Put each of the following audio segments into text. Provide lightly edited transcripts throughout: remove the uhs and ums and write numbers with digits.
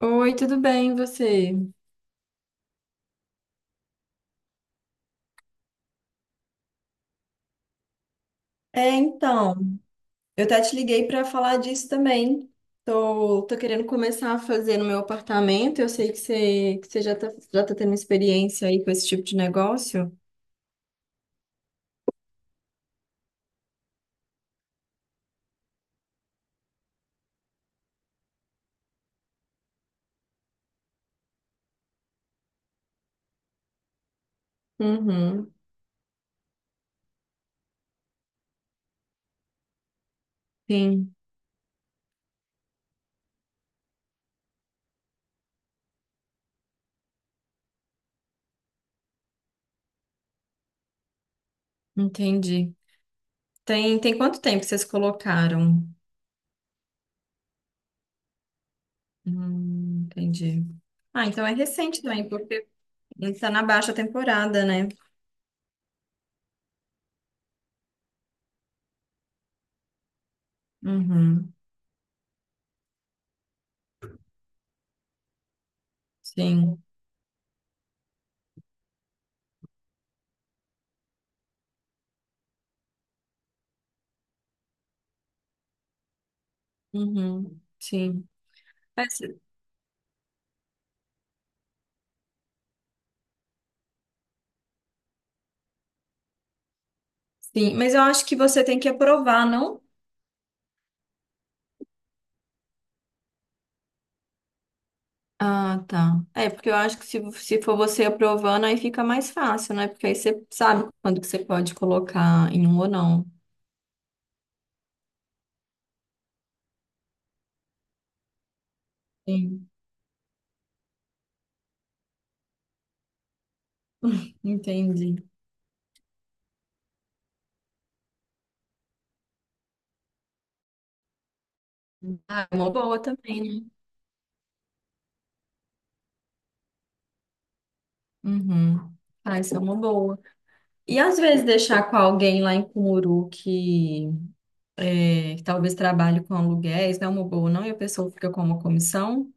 Oi, tudo bem, e você? É, então, eu até te liguei para falar disso também. Tô querendo começar a fazer no meu apartamento. Eu sei que você já tá tendo experiência aí com esse tipo de negócio. Uhum, sim, entendi. Tem quanto tempo vocês colocaram? Entendi. Ah, então é recente também, porque está na baixa temporada, né? Uhum, sim, uhum, sim. Mas, sim, mas eu acho que você tem que aprovar, não? Ah, tá. É, porque eu acho que se for você aprovando, aí fica mais fácil, né? Porque aí você sabe quando que você pode colocar em um ou não. Sim, entendi. Ah, é uma boa também, né? Uhum. Ah, isso é uma boa. E às vezes deixar com alguém lá em Cumuru que, é, que talvez trabalhe com aluguéis, não é uma boa, não? E a pessoa fica com uma comissão?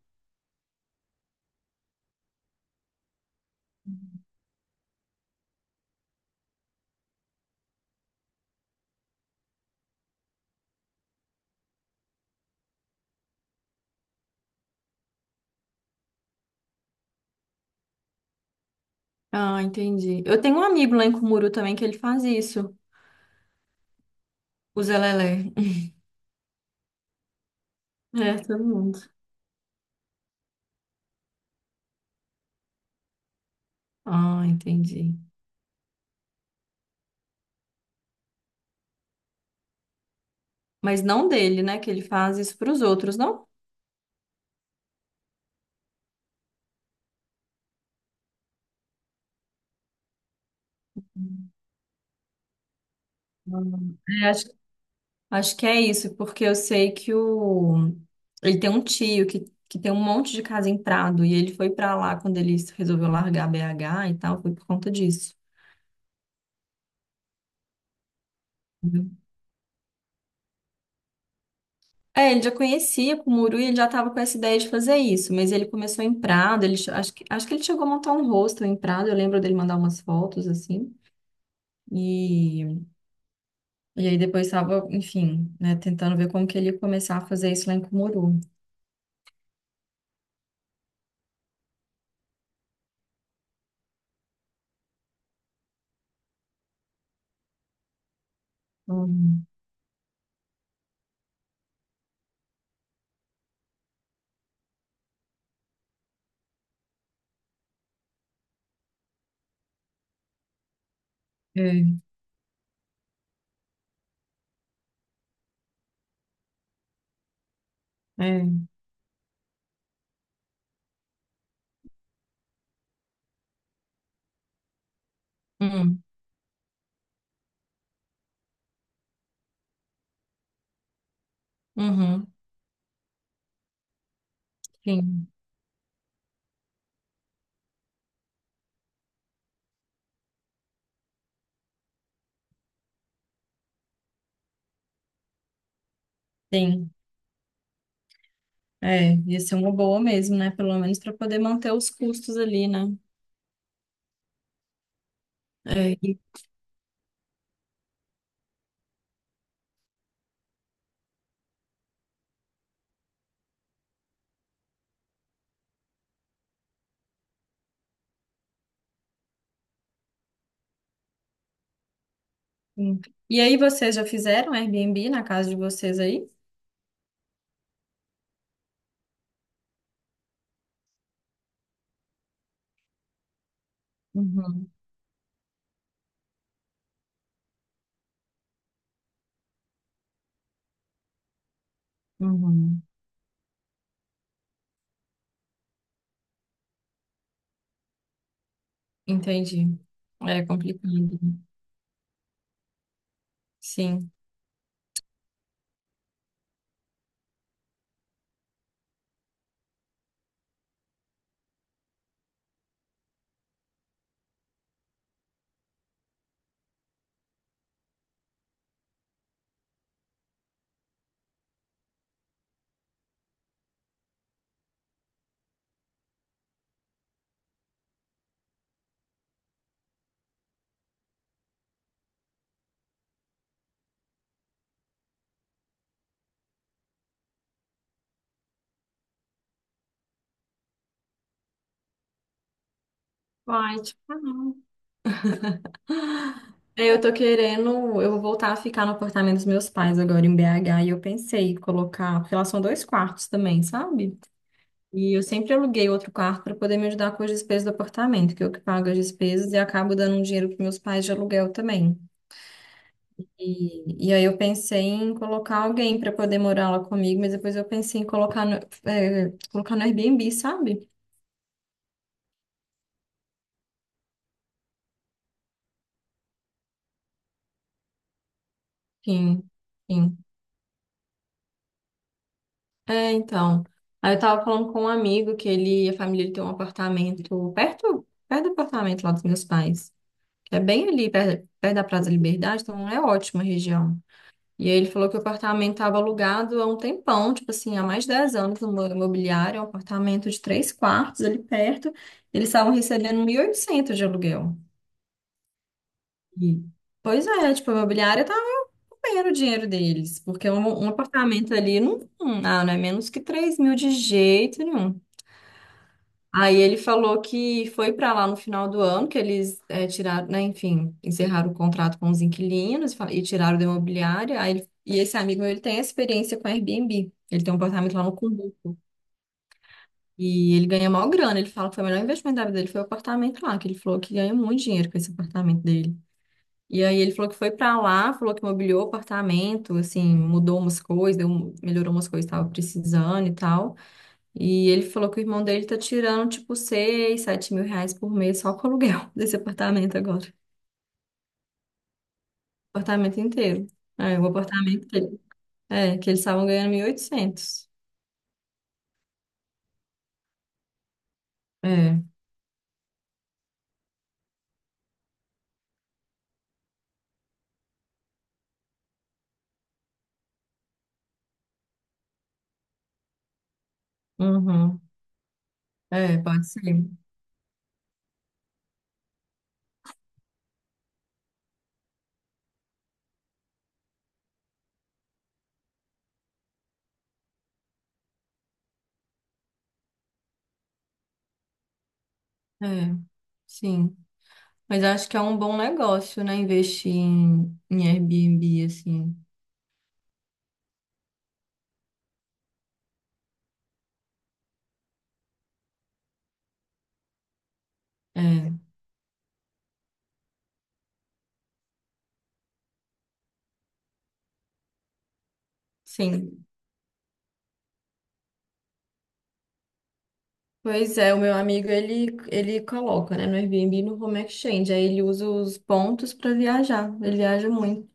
Ah, entendi. Eu tenho um amigo lá em Cumuru também que ele faz isso, o Zelelé. É, todo mundo. Ah, entendi. Mas não dele, né? Que ele faz isso para os outros, não? Hum, é, acho que é isso, porque eu sei que o ele tem um tio que tem um monte de casa em Prado e ele foi para lá quando ele resolveu largar BH e tal, foi por conta disso. Uhum. É, ele já conhecia Cumuru e ele já estava com essa ideia de fazer isso, mas ele começou em Prado, acho que ele chegou a montar um hostel em Prado, eu lembro dele mandar umas fotos assim, e, e aí depois estava, enfim, né, tentando ver como que ele ia começar a fazer isso lá em Cumuru. Hum, é, é, hum, uhum, sim, sim, é, ia ser uma boa mesmo, né? Pelo menos para poder manter os custos ali, né? É, e, sim. E aí vocês já fizeram Airbnb na casa de vocês aí? Uhum, uhum, entendi. É complicado, né? Sim. Vai tipo, ah, não. É, eu tô querendo, eu vou voltar a ficar no apartamento dos meus pais agora em BH e eu pensei em colocar, porque lá são dois quartos também, sabe? E eu sempre aluguei outro quarto para poder me ajudar com as despesas do apartamento, que eu que pago as despesas e acabo dando um dinheiro para meus pais de aluguel também. E aí eu pensei em colocar alguém para poder morar lá comigo, mas depois eu pensei em colocar no, colocar no Airbnb, sabe? Sim, sim, é, então. Aí eu tava falando com um amigo que ele, a família dele tem um apartamento perto, perto do apartamento lá dos meus pais, que é bem ali, perto, perto da Praça da Liberdade, então é ótima a região. E aí ele falou que o apartamento estava alugado há um tempão, tipo assim, há mais de 10 anos no imobiliário, é um apartamento de três quartos ali perto. Eles estavam recebendo 1.800 de aluguel. E, pois é, tipo, a imobiliária estava comendo o dinheiro deles, porque um apartamento ali não, não, ah, não é menos que 3 mil de jeito nenhum. Aí ele falou que foi para lá no final do ano, que eles tiraram, né, enfim, encerraram o contrato com os inquilinos e e tiraram da imobiliária. E esse amigo meu, ele tem experiência com Airbnb. Ele tem um apartamento lá no Cumbuco. E ele ganha maior grana. Ele fala que foi o melhor investimento da vida dele, foi o apartamento lá, que ele falou que ganha muito dinheiro com esse apartamento dele. E aí ele falou que foi para lá, falou que mobiliou o apartamento, assim, mudou umas coisas, melhorou umas coisas que estava precisando e tal. E ele falou que o irmão dele tá tirando tipo seis, sete mil reais por mês só com o aluguel desse apartamento agora. Apartamento inteiro. É, o apartamento dele, é, que eles estavam ganhando mil e oitocentos, é, uhum. É, pode ser. É, sim. Mas eu acho que é um bom negócio, né? Investir em, em Airbnb, assim. É, sim. Pois é, o meu amigo, ele coloca, né, no Airbnb e no Home Exchange. Aí ele usa os pontos para viajar. Ele viaja muito.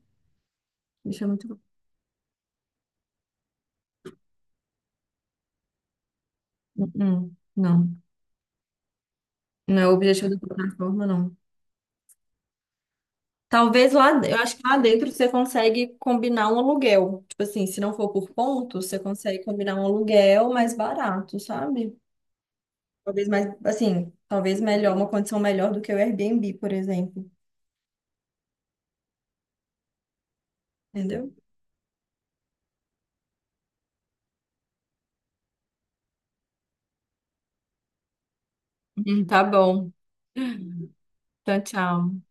Deixa muito. Uhum. Não, não é o objetivo da plataforma, não. Talvez lá, eu acho que lá dentro você consegue combinar um aluguel. Tipo assim, se não for por ponto, você consegue combinar um aluguel mais barato, sabe? Talvez mais, assim, talvez melhor, uma condição melhor do que o Airbnb, por exemplo. Entendeu? Tá bom. Então, tchau.